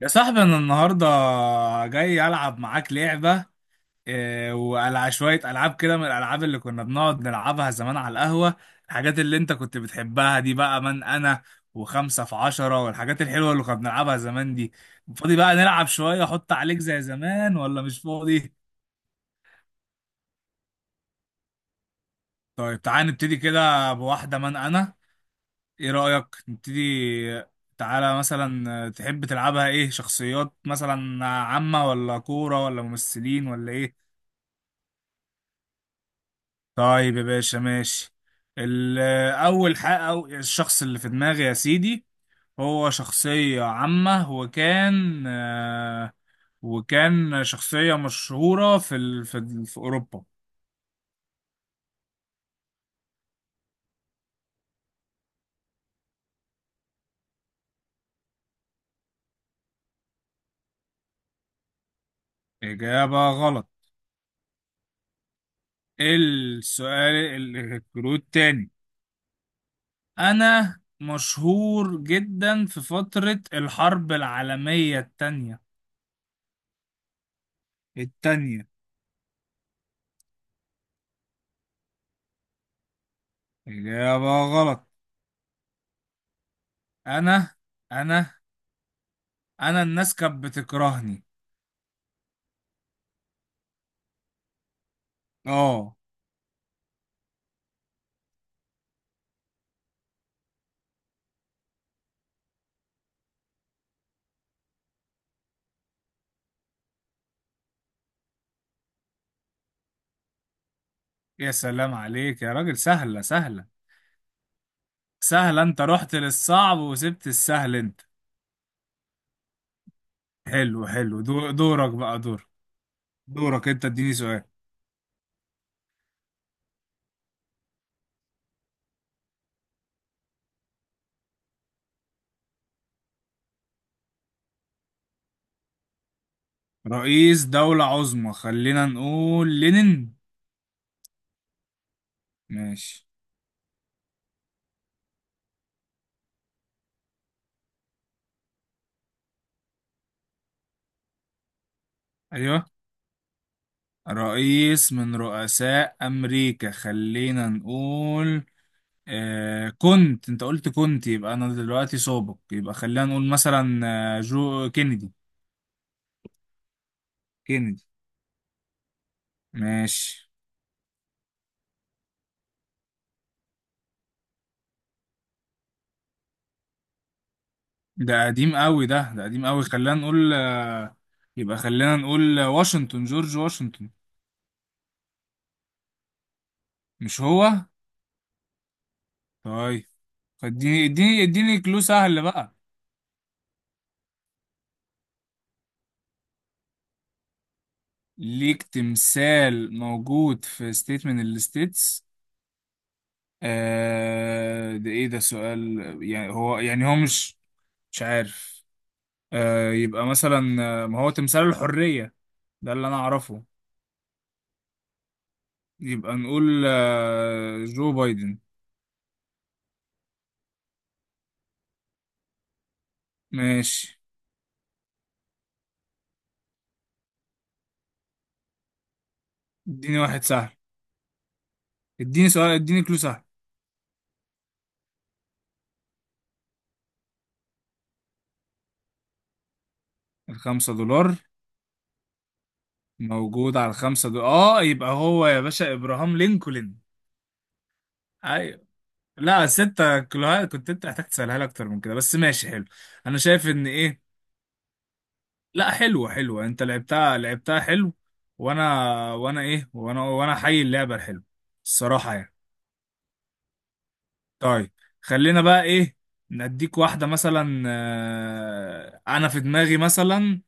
يا صاحبي انا النهارده جاي العب معاك لعبه والعب شويه العاب كده من الالعاب اللي كنا بنقعد نلعبها زمان على القهوه. الحاجات اللي انت كنت بتحبها دي بقى من انا وخمسة في عشرة والحاجات الحلوه اللي كنا بنلعبها زمان دي. فاضي بقى نلعب شويه احط عليك زي زمان ولا مش فاضي؟ طيب تعالى نبتدي كده بواحده من انا. ايه رايك نبتدي؟ تعالى مثلا تحب تلعبها ايه، شخصيات مثلا عامه ولا كوره ولا ممثلين ولا ايه؟ طيب يا باشا ماشي. ال- أول حق أو الشخص اللي في دماغي يا سيدي هو شخصية عامة، وكان وكان شخصية مشهورة في أوروبا. إجابة غلط. السؤال الكلود تاني. أنا مشهور جدا في فترة الحرب العالمية التانية. التانية. إجابة غلط. أنا أنا أنا الناس كانت بتكرهني. اه. يا سلام عليك يا راجل، سهلة. سهلة، انت رحت للصعب وسبت السهل انت. حلو حلو، دورك بقى، دور دورك انت، اديني سؤال. رئيس دولة عظمى؟ خلينا نقول لينين. ماشي. ايوه، رئيس من رؤساء امريكا. خلينا نقول، آه، كنت انت قلت كنت، يبقى انا دلوقتي سابق، يبقى خلينا نقول مثلا جو كينيدي. كينيدي. ماشي. ده قديم قوي، ده قديم قوي. خلينا نقول يبقى خلينا نقول، واشنطن، جورج واشنطن. مش هو؟ طيب. اديني كلو سهل بقى. ليك تمثال موجود في ستيت من الستيتس؟ آه، ده ايه ده سؤال؟ يعني هو، يعني هو مش، مش عارف. آه، يبقى مثلا ما هو تمثال الحرية؟ ده اللي انا اعرفه. يبقى نقول آه، جو بايدن. ماشي. اديني واحد سهل، اديني سؤال، اديني كلو سهل. الخمسة دولار؟ موجود على الخمسة دولار. اه، يبقى هو يا باشا ابراهام لينكولن. ايوه. لا، ستة كلوهات كنت انت محتاج تسألها لي، اكتر من كده، بس ماشي حلو. انا شايف ان ايه، لا حلوة حلوة، انت لعبتها لعبتها حلو. وانا وانا ايه وانا وانا حي اللعبة الحلوة، الصراحة يعني. طيب، خلينا بقى ايه، نديك واحدة مثلا، انا في دماغي مثلا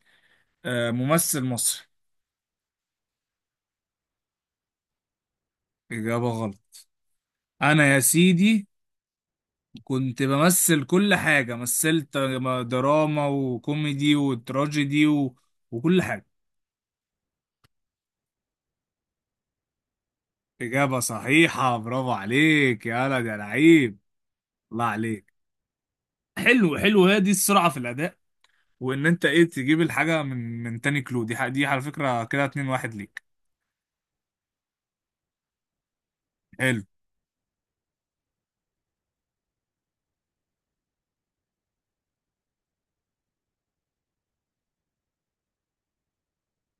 ممثل مصري. اجابة غلط. انا يا سيدي كنت بمثل كل حاجة، مثلت دراما وكوميدي وتراجيدي و... وكل حاجة. إجابة صحيحة، برافو عليك يا ولد يا لعيب. الله عليك. حلو حلو، هي دي السرعة في الأداء. وإن أنت إيه، تجيب الحاجة من تاني كلو دي، دي على فكرة كده 2-1 ليك. حلو.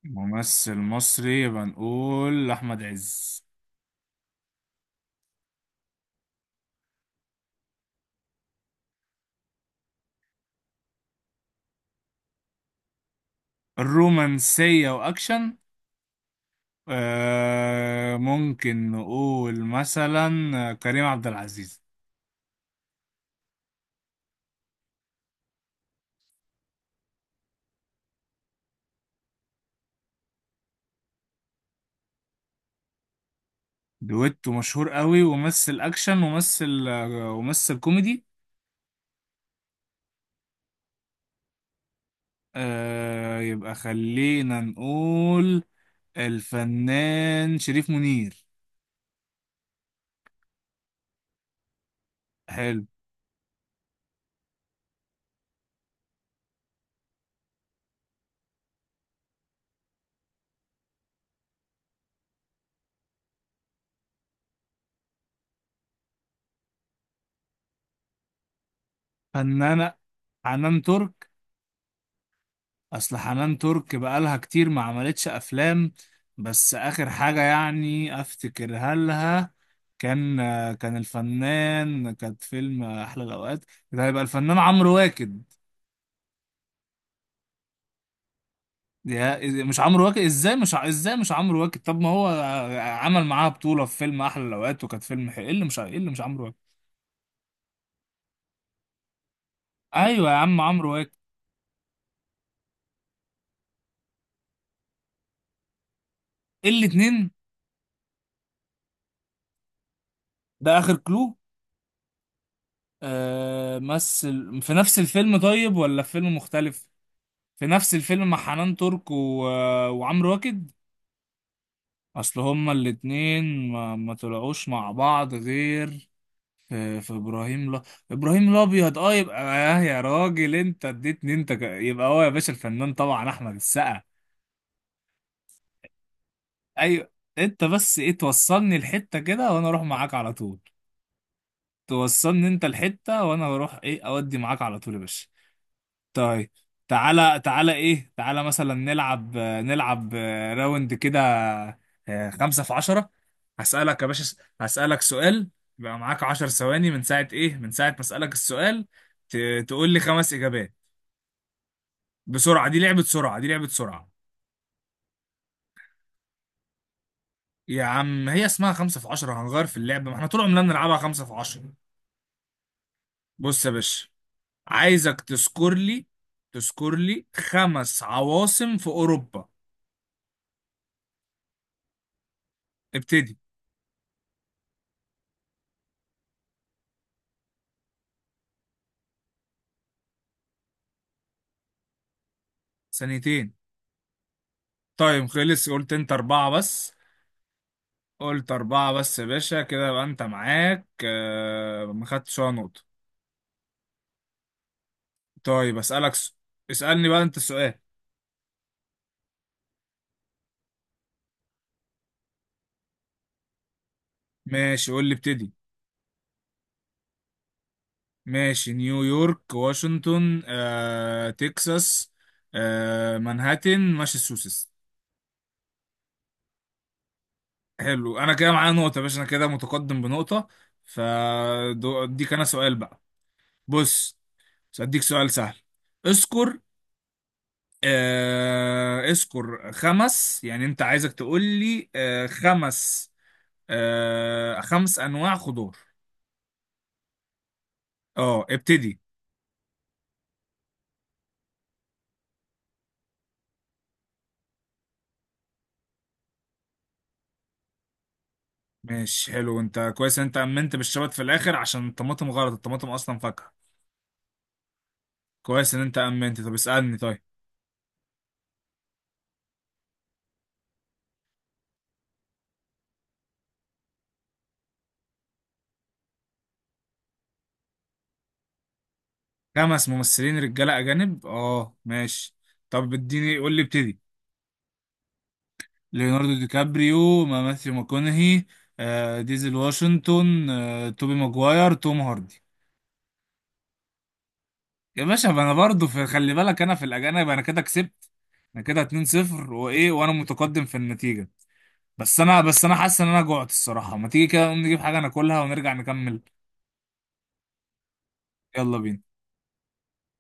ممثل مصري، يبقى نقول أحمد عز. الرومانسية وأكشن؟ آه، ممكن نقول مثلا كريم عبد العزيز. دويتو مشهور قوي وممثل اكشن وممثل وممثل كوميدي. آه، يبقى خلينا نقول الفنان شريف منير. حلو. فنانة. حنان ترك. اصل حنان ترك بقالها كتير ما عملتش افلام، بس اخر حاجة يعني افتكرها لها كان، آه، كان الفنان كانت فيلم احلى الاوقات. ده هيبقى الفنان عمرو واكد. مش عمرو واكد؟ ازاي مش ازاي مش عمرو واكد؟ طب ما هو عمل معاها بطولة في فيلم احلى الاوقات وكانت فيلم حلو. ايه اللي مش ايه اللي مش عمرو واكد؟ ايوه يا عم، عمرو واكد. الاتنين. ده اخر كلو. آه، مثل في نفس الفيلم، طيب، ولا في فيلم مختلف؟ في نفس الفيلم مع حنان ترك و... وعمرو واكد. اصل هما الاتنين ما... ما طلعوش مع بعض غير في، في ابراهيم، لا، ابراهيم الابيض. اه، يبقى آه، يا راجل انت اديتني، انت يبقى هو يا باشا الفنان طبعا احمد السقا. ايوه. انت بس ايه، توصلني الحته كده وانا اروح معاك على طول. توصلني انت الحته وانا اروح ايه، اودي معاك على طول يا باشا. طيب. تعالى مثلا نلعب راوند كده، خمسة في عشرة. هسألك يا باشا، هسألك سؤال، يبقى معاك عشر ثواني من ساعة ايه، من ساعة ما أسألك السؤال ت... تقول لي خمس إجابات بسرعة. دي لعبة سرعة، دي لعبة سرعة. يا عم هي اسمها خمسة في عشرة، هنغير في اللعبة؟ ما احنا طول عمرنا بنلعبها خمسة في عشرة. بص يا باشا، عايزك تذكر لي، تذكر لي خمس عواصم في أوروبا. ابتدي. ثانيتين. طيب خلص، قلت انت اربعة بس. قلت اربعة بس يا باشا، كده بقى انت معاك آه، ما خدتش ولا نقطة. طيب اسألك اسألني بقى انت السؤال. ماشي قول لي ابتدي. ماشي. نيويورك، واشنطن، آه، تكساس، آه، مانهاتن، ماساتشوستس. حلو، انا كده معايا نقطة يا باشا، انا كده متقدم بنقطة. فاديك انا سؤال بقى. بص، بس اديك سؤال سهل. اذكر، آه اذكر خمس، يعني انت عايزك تقول لي آه خمس، آه خمس انواع خضار. اه ابتدي. ماشي حلو. انت كويس ان انت امنت بالشبت في الاخر، عشان الطماطم غلط، الطماطم اصلا فاكهة. كويس ان انت امنت. طب اسألني طيب. خمس ممثلين رجالة اجانب، اه ماشي. طب اديني، قول لي ابتدي. ليوناردو دي كابريو، ماثيو ماكونهي، آه، ديزل واشنطن، آه، توبي ماجواير، توم هاردي. يا باشا ما انا برضه في، خلي بالك انا في الاجانب، انا كده كسبت. انا كده 2-0 وايه، وانا متقدم في النتيجه. بس انا، بس انا حاسس ان انا جوعت الصراحه، ما تيجي كده نقوم نجيب حاجه ناكلها ونرجع نكمل؟ يلا بينا.